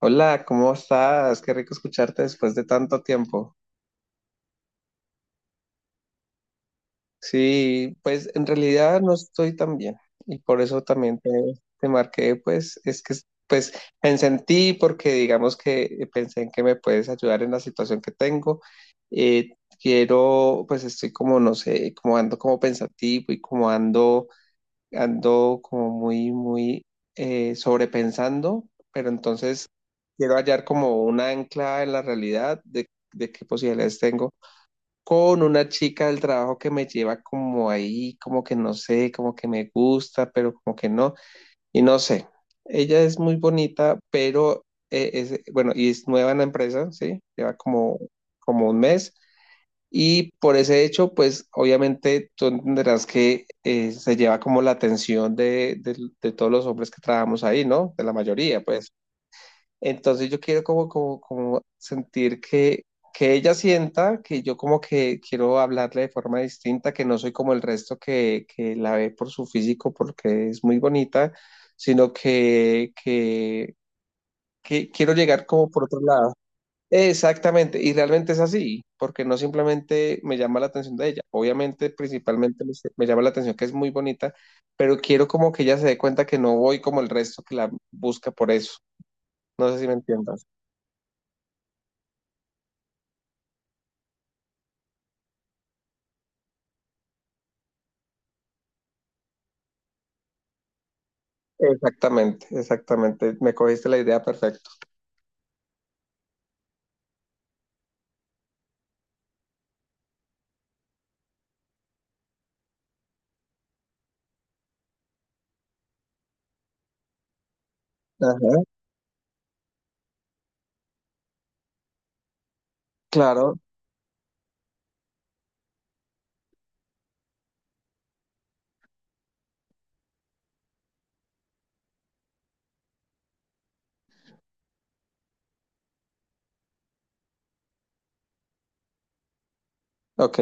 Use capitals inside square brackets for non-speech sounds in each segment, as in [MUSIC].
Hola, ¿cómo estás? Qué rico escucharte después de tanto tiempo. Sí, pues en realidad no estoy tan bien y por eso también te marqué, pues es que pues pensé en ti porque digamos que pensé en que me puedes ayudar en la situación que tengo. Eh, Quiero, pues estoy como, no sé, como ando como pensativo y como ando como muy, muy sobrepensando, pero entonces quiero hallar como una ancla en la realidad de qué posibilidades tengo con una chica del trabajo que me lleva como ahí, como que no sé, como que me gusta, pero como que no, y no sé. Ella es muy bonita, pero es, bueno, y es nueva en la empresa, ¿sí? Lleva como, como un mes. Y por ese hecho, pues obviamente tú entenderás que se lleva como la atención de todos los hombres que trabajamos ahí, ¿no? De la mayoría, pues. Entonces yo quiero como sentir que ella sienta que yo como que quiero hablarle de forma distinta, que no soy como el resto que la ve por su físico porque es muy bonita, sino que, que quiero llegar como por otro lado. Exactamente, y realmente es así, porque no simplemente me llama la atención de ella, obviamente principalmente me llama la atención que es muy bonita, pero quiero como que ella se dé cuenta que no voy como el resto que la busca por eso, no sé si me entiendas. Exactamente, exactamente, me cogiste la idea perfecto. Ajá. Claro, ok,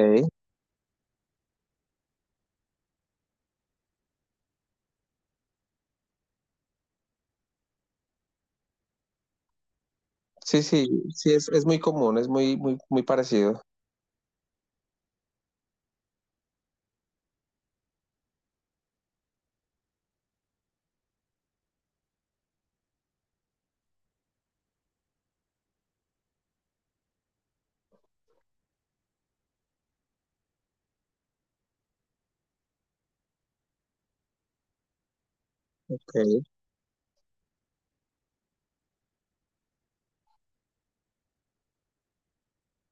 sí, sí, sí, es muy común, es muy, muy, muy parecido, ok,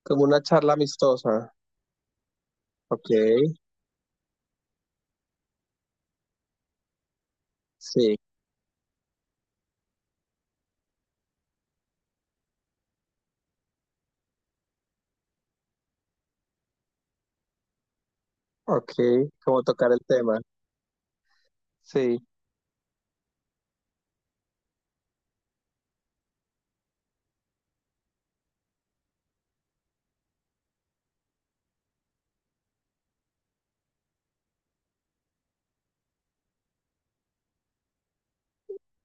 como una charla amistosa, ok, sí, ok, como tocar el tema, sí,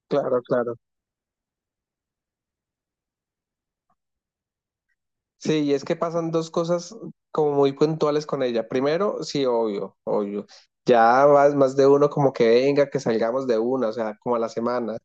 claro, claro. Sí, y es que pasan dos cosas como muy puntuales con ella. Primero, sí, obvio, obvio. Ya más, más de uno como que venga, que salgamos de una, o sea, como a la semana.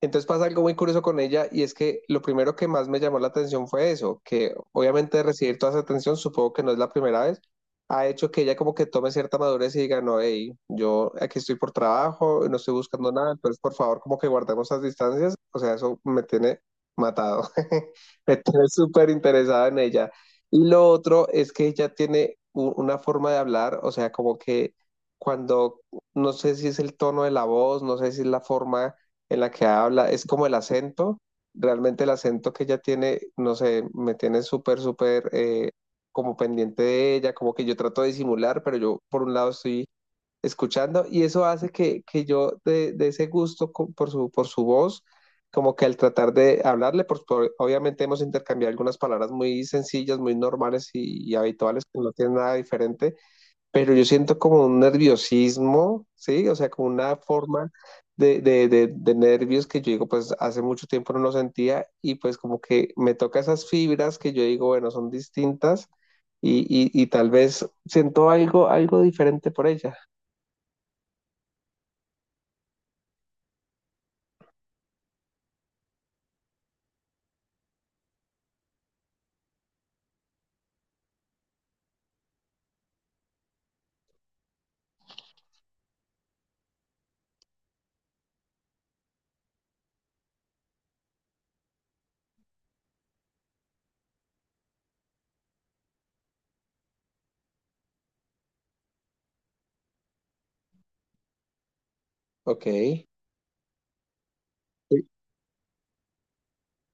Entonces pasa algo muy curioso con ella y es que lo primero que más me llamó la atención fue eso, que obviamente recibir toda esa atención, supongo que no es la primera vez, ha hecho que ella como que tome cierta madurez y diga, no, hey, yo aquí estoy por trabajo, no estoy buscando nada, entonces por favor como que guardemos las distancias, o sea, eso me tiene matado, [LAUGHS] me tiene súper interesada en ella. Y lo otro es que ella tiene una forma de hablar, o sea, como que cuando, no sé si es el tono de la voz, no sé si es la forma en la que habla, es como el acento, realmente el acento que ella tiene, no sé, me tiene súper, súper como pendiente de ella, como que yo trato de disimular, pero yo por un lado estoy escuchando y eso hace que yo de ese gusto por su voz, como que al tratar de hablarle, pues obviamente hemos intercambiado algunas palabras muy sencillas, muy normales y habituales, que no tienen nada diferente, pero yo siento como un nerviosismo, ¿sí? O sea, como una forma de nervios que yo digo, pues hace mucho tiempo no lo sentía y pues como que me toca esas fibras que yo digo, bueno, son distintas y tal vez siento algo, algo diferente por ella. Ok.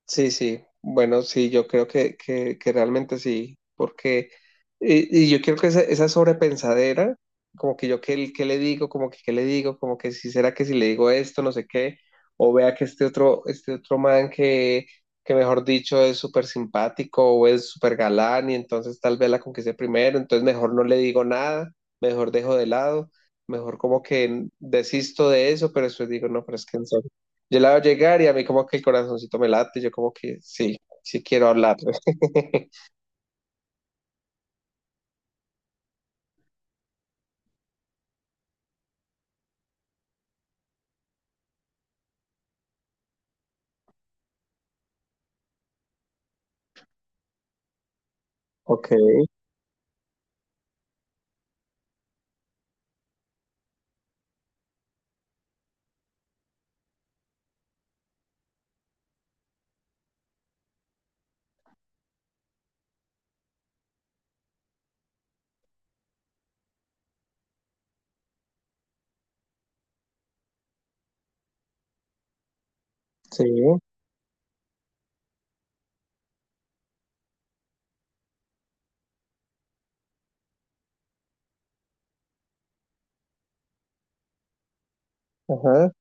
Sí, sí, bueno, sí, yo creo que realmente sí, porque, y yo quiero que esa sobrepensadera, como que yo qué le digo, como que qué le digo, como que si será que si le digo esto, no sé qué, o vea que este otro man que mejor dicho es súper simpático o es súper galán y entonces tal vez la conquiste primero, entonces mejor no le digo nada, mejor dejo de lado, mejor como que desisto de eso, pero después digo, no, pero es que en yo la veo llegar y a mí como que el corazoncito me late, yo como que sí, sí quiero hablar. [LAUGHS] Ok, sí, ajá.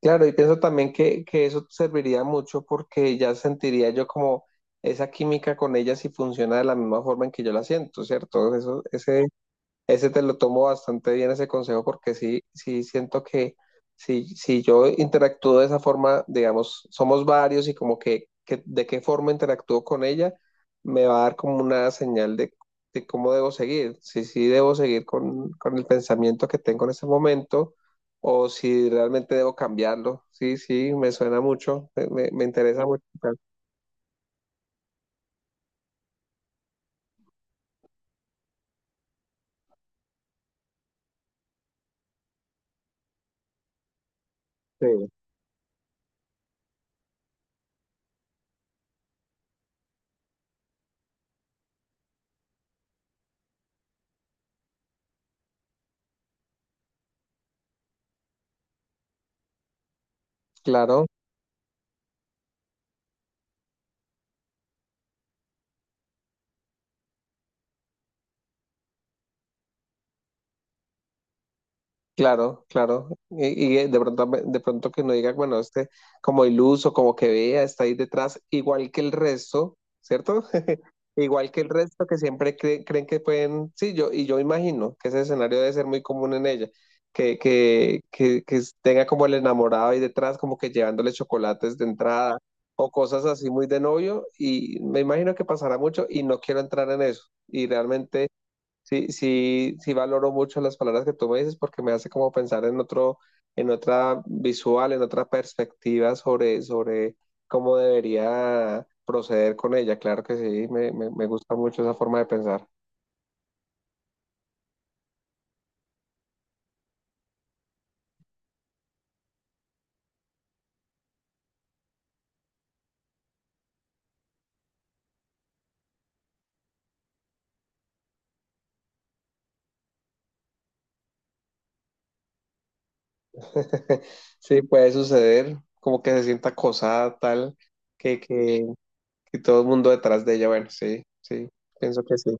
Claro, y pienso también que eso serviría mucho porque ya sentiría yo como esa química con ella si funciona de la misma forma en que yo la siento, ¿cierto? Eso, ese te lo tomo bastante bien, ese consejo, porque sí, sí siento que si yo interactúo de esa forma, digamos, somos varios y como que de qué forma interactúo con ella, me va a dar como una señal de cómo debo seguir, si sí debo seguir con el pensamiento que tengo en ese momento o si realmente debo cambiarlo. Sí, sí, me suena mucho, me interesa mucho. Sí. Claro. Claro, claro. Y de pronto que no diga, bueno, este como iluso, como que vea, está ahí detrás, igual que el resto, ¿cierto? [LAUGHS] Igual que el resto que siempre creen que pueden, sí, yo, y yo imagino que ese escenario debe ser muy común en ella, que tenga como el enamorado ahí detrás, como que llevándole chocolates de entrada o cosas así muy de novio, y me imagino que pasará mucho y no quiero entrar en eso. Y realmente... Sí, sí, sí valoro mucho las palabras que tú me dices porque me hace como pensar en otro, en otra visual, en otra perspectiva sobre cómo debería proceder con ella. Claro que sí, me gusta mucho esa forma de pensar. [LAUGHS] Sí, puede suceder, como que se sienta acosada, tal, que, que, que todo el mundo detrás de ella. Bueno, sí, sí, pienso que sí.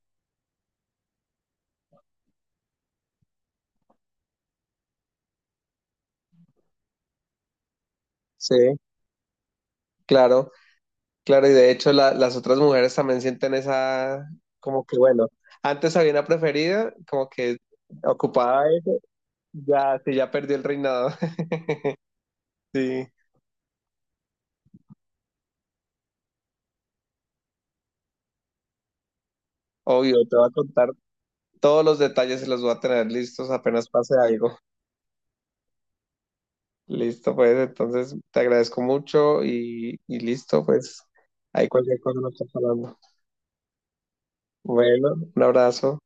Sí, claro. Claro, y de hecho las otras mujeres también sienten esa, como que bueno, antes había una preferida, como que ocupaba eso, ya, sí, ya perdió el reinado. [LAUGHS] Sí, obvio, te voy a contar todos los detalles y los voy a tener listos apenas pase algo. Listo, pues, entonces te agradezco mucho y listo, pues, ahí cualquier cosa nos está hablando. Bueno, un abrazo.